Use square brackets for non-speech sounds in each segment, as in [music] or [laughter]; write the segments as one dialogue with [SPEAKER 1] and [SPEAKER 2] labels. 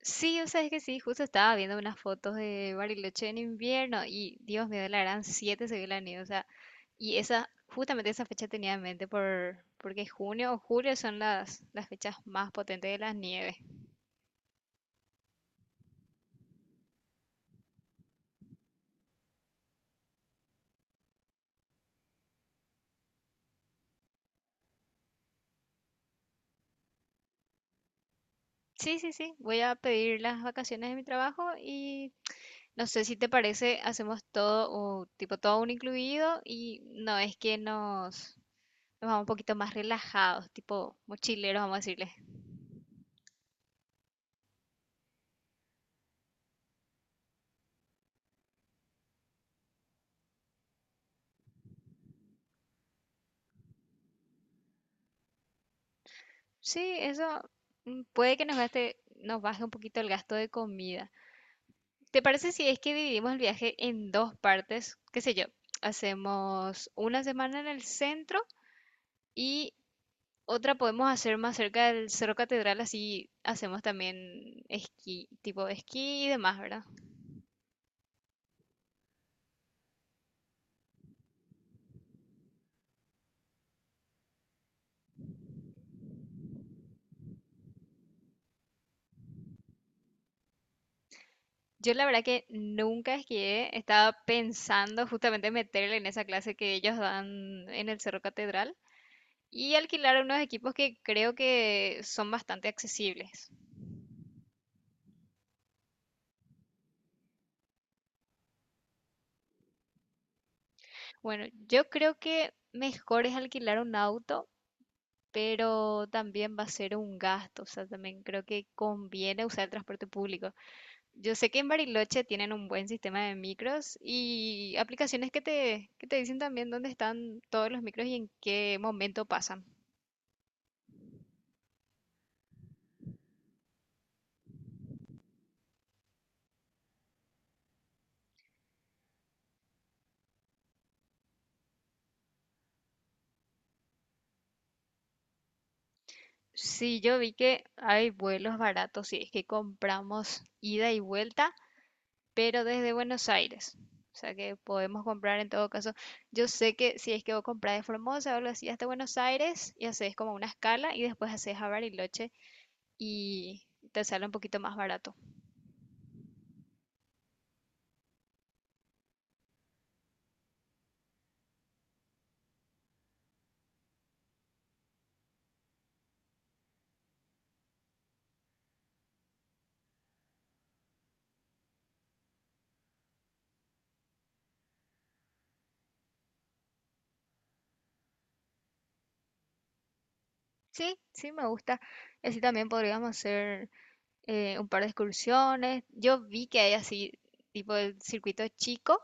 [SPEAKER 1] Sí, o sea, es que sí, justo estaba viendo unas fotos de Bariloche en invierno y Dios mío, la gran 7 se vio la nieve, o sea, y esa, justamente esa fecha tenía en mente porque junio o julio son las fechas más potentes de las nieves. Sí, sí, sí, voy a pedir las vacaciones de mi trabajo y no sé si te parece, hacemos todo, o tipo todo un incluido y no es que nos vamos un poquito más relajados, tipo mochileros, vamos a decirle. Sí, eso puede que nos gaste, nos baje un poquito el gasto de comida. ¿Te parece si es que dividimos el viaje en dos partes? ¿Qué sé yo? Hacemos una semana en el centro y otra podemos hacer más cerca del Cerro Catedral, así hacemos también esquí, tipo esquí y demás, ¿verdad? Yo la verdad que nunca esquié, estaba pensando justamente meterle en esa clase que ellos dan en el Cerro Catedral y alquilar unos equipos que creo que son bastante accesibles. Bueno, yo creo que mejor es alquilar un auto, pero también va a ser un gasto. O sea, también creo que conviene usar el transporte público. Yo sé que en Bariloche tienen un buen sistema de micros y aplicaciones que te dicen también dónde están todos los micros y en qué momento pasan. Sí, yo vi que hay vuelos baratos si es que compramos ida y vuelta pero desde Buenos Aires. O sea que podemos comprar en todo caso. Yo sé que si es que vos comprás de Formosa o algo así hasta Buenos Aires y haces como una escala y después haces a Bariloche y te sale un poquito más barato. Sí, sí, me gusta. Y así también podríamos hacer un par de excursiones. Yo vi que hay así, tipo el circuito chico,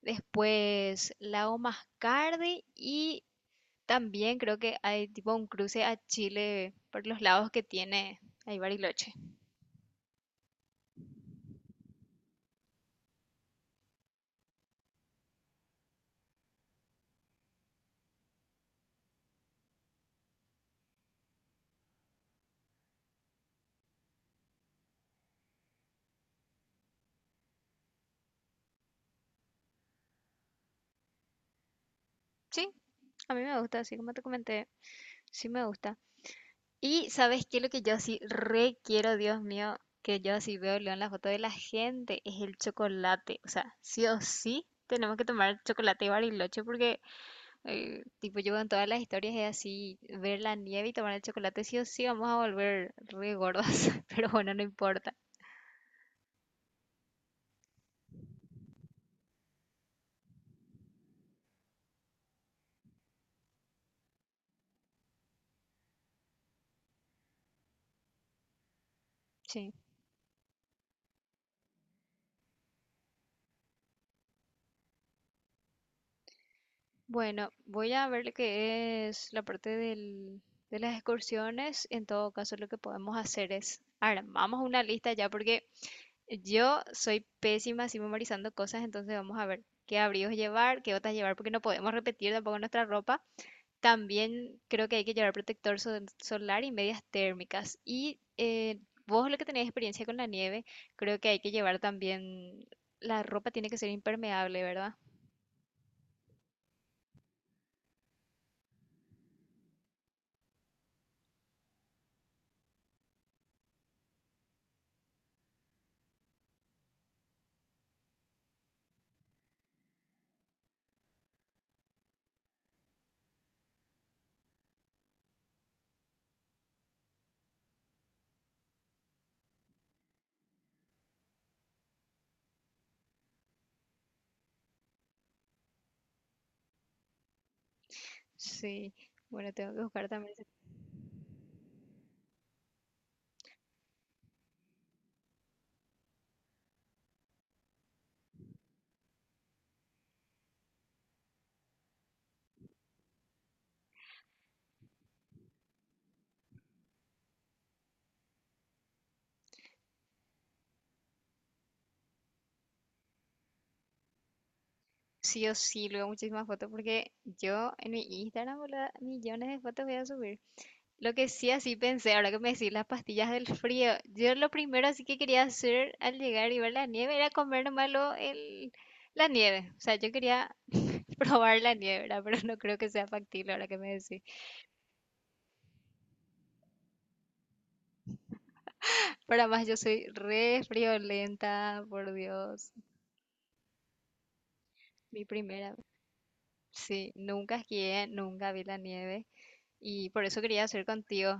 [SPEAKER 1] después Lago Mascardi y también creo que hay tipo un cruce a Chile por los lados que tiene ahí Bariloche. Sí, a mí me gusta, así como te comenté, sí me gusta. Y ¿sabes qué? Lo que yo así re quiero, Dios mío, que yo así veo León la foto de la gente, es el chocolate. O sea, sí o sí tenemos que tomar chocolate y Bariloche porque tipo yo en todas las historias es así, ver la nieve y tomar el chocolate, sí o sí vamos a volver re gordas, [laughs] pero bueno, no importa. Sí. Bueno, voy a ver lo que es la parte de las excursiones. En todo caso, lo que podemos hacer es armamos una lista ya, porque yo soy pésima así memorizando cosas, entonces vamos a ver qué abrigos llevar, qué botas llevar, porque no podemos repetir tampoco nuestra ropa. También creo que hay que llevar protector solar y medias térmicas. Y vos, lo que tenés experiencia con la nieve, creo que hay que llevar también, la ropa tiene que ser impermeable, ¿verdad? Sí. Bueno, tengo que buscar también. Sí o sí, luego muchísimas fotos porque yo en mi Instagram, boluda, millones de fotos voy a subir. Lo que sí así pensé, ahora que me decís las pastillas del frío, yo lo primero así que quería hacer al llegar y ver la nieve era comer nomás la nieve. O sea, yo quería [laughs] probar la nieve, ¿verdad? Pero no creo que sea factible ahora que me decís. Para más, yo soy re friolenta, por Dios. Mi primera. Sí, nunca esquié, nunca vi la nieve. Y por eso quería hacer contigo.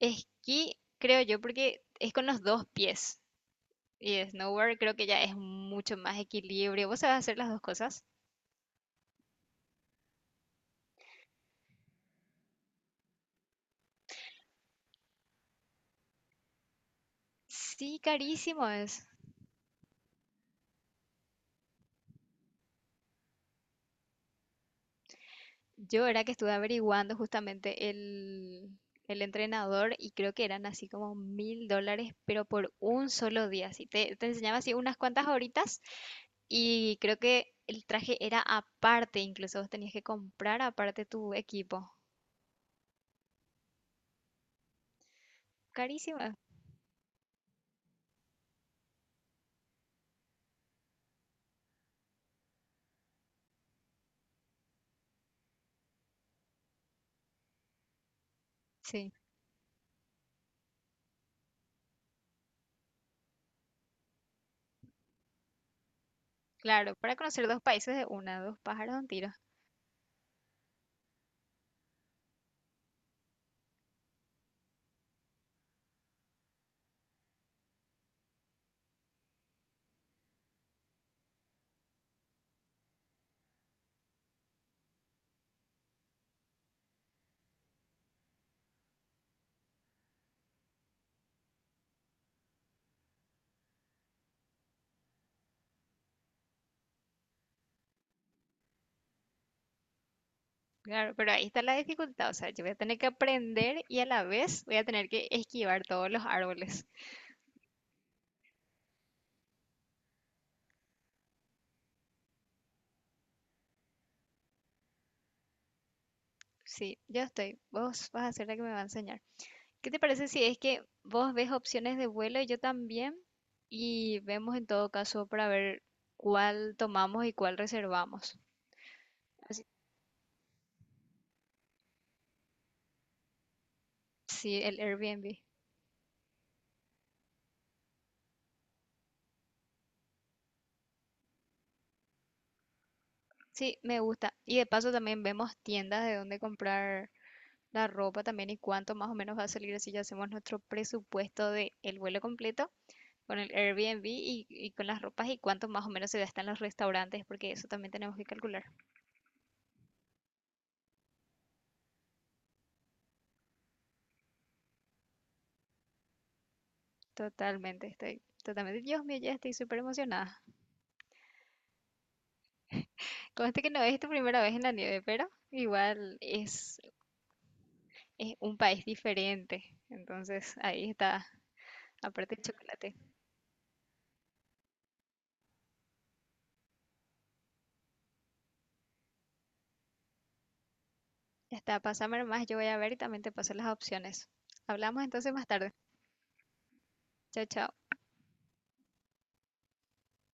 [SPEAKER 1] Esquí, creo yo, porque es con los dos pies. Y snowboard creo que ya es mucho más equilibrio. ¿Vos sabés hacer las dos cosas? Sí, carísimo es. Yo era que estuve averiguando justamente el entrenador y creo que eran así como $1,000, pero por un solo día. Así te enseñaba así unas cuantas horitas y creo que el traje era aparte, incluso vos tenías que comprar aparte tu equipo. Carísimo. Sí, claro, para conocer dos países de una, dos pájaros de un tiro. Claro, pero ahí está la dificultad, o sea, yo voy a tener que aprender y a la vez voy a tener que esquivar todos los árboles. Sí, yo estoy. Vos vas a ser la que me va a enseñar. ¿Qué te parece si es que vos ves opciones de vuelo y yo también? Y vemos en todo caso para ver cuál tomamos y cuál reservamos. Así- sí, el Airbnb. Sí, me gusta. Y de paso también vemos tiendas de dónde comprar la ropa también y cuánto más o menos va a salir así ya hacemos nuestro presupuesto de el vuelo completo con el Airbnb y con las ropas y cuánto más o menos se gasta en los restaurantes, porque eso también tenemos que calcular. Totalmente, estoy totalmente. Dios mío, ya estoy súper emocionada. Conste que no es tu primera vez en la nieve, pero igual es un país diferente. Entonces ahí está, aparte el chocolate. Ya está, pásame más, yo voy a ver y también te paso las opciones. Hablamos entonces más tarde. Chao, chao.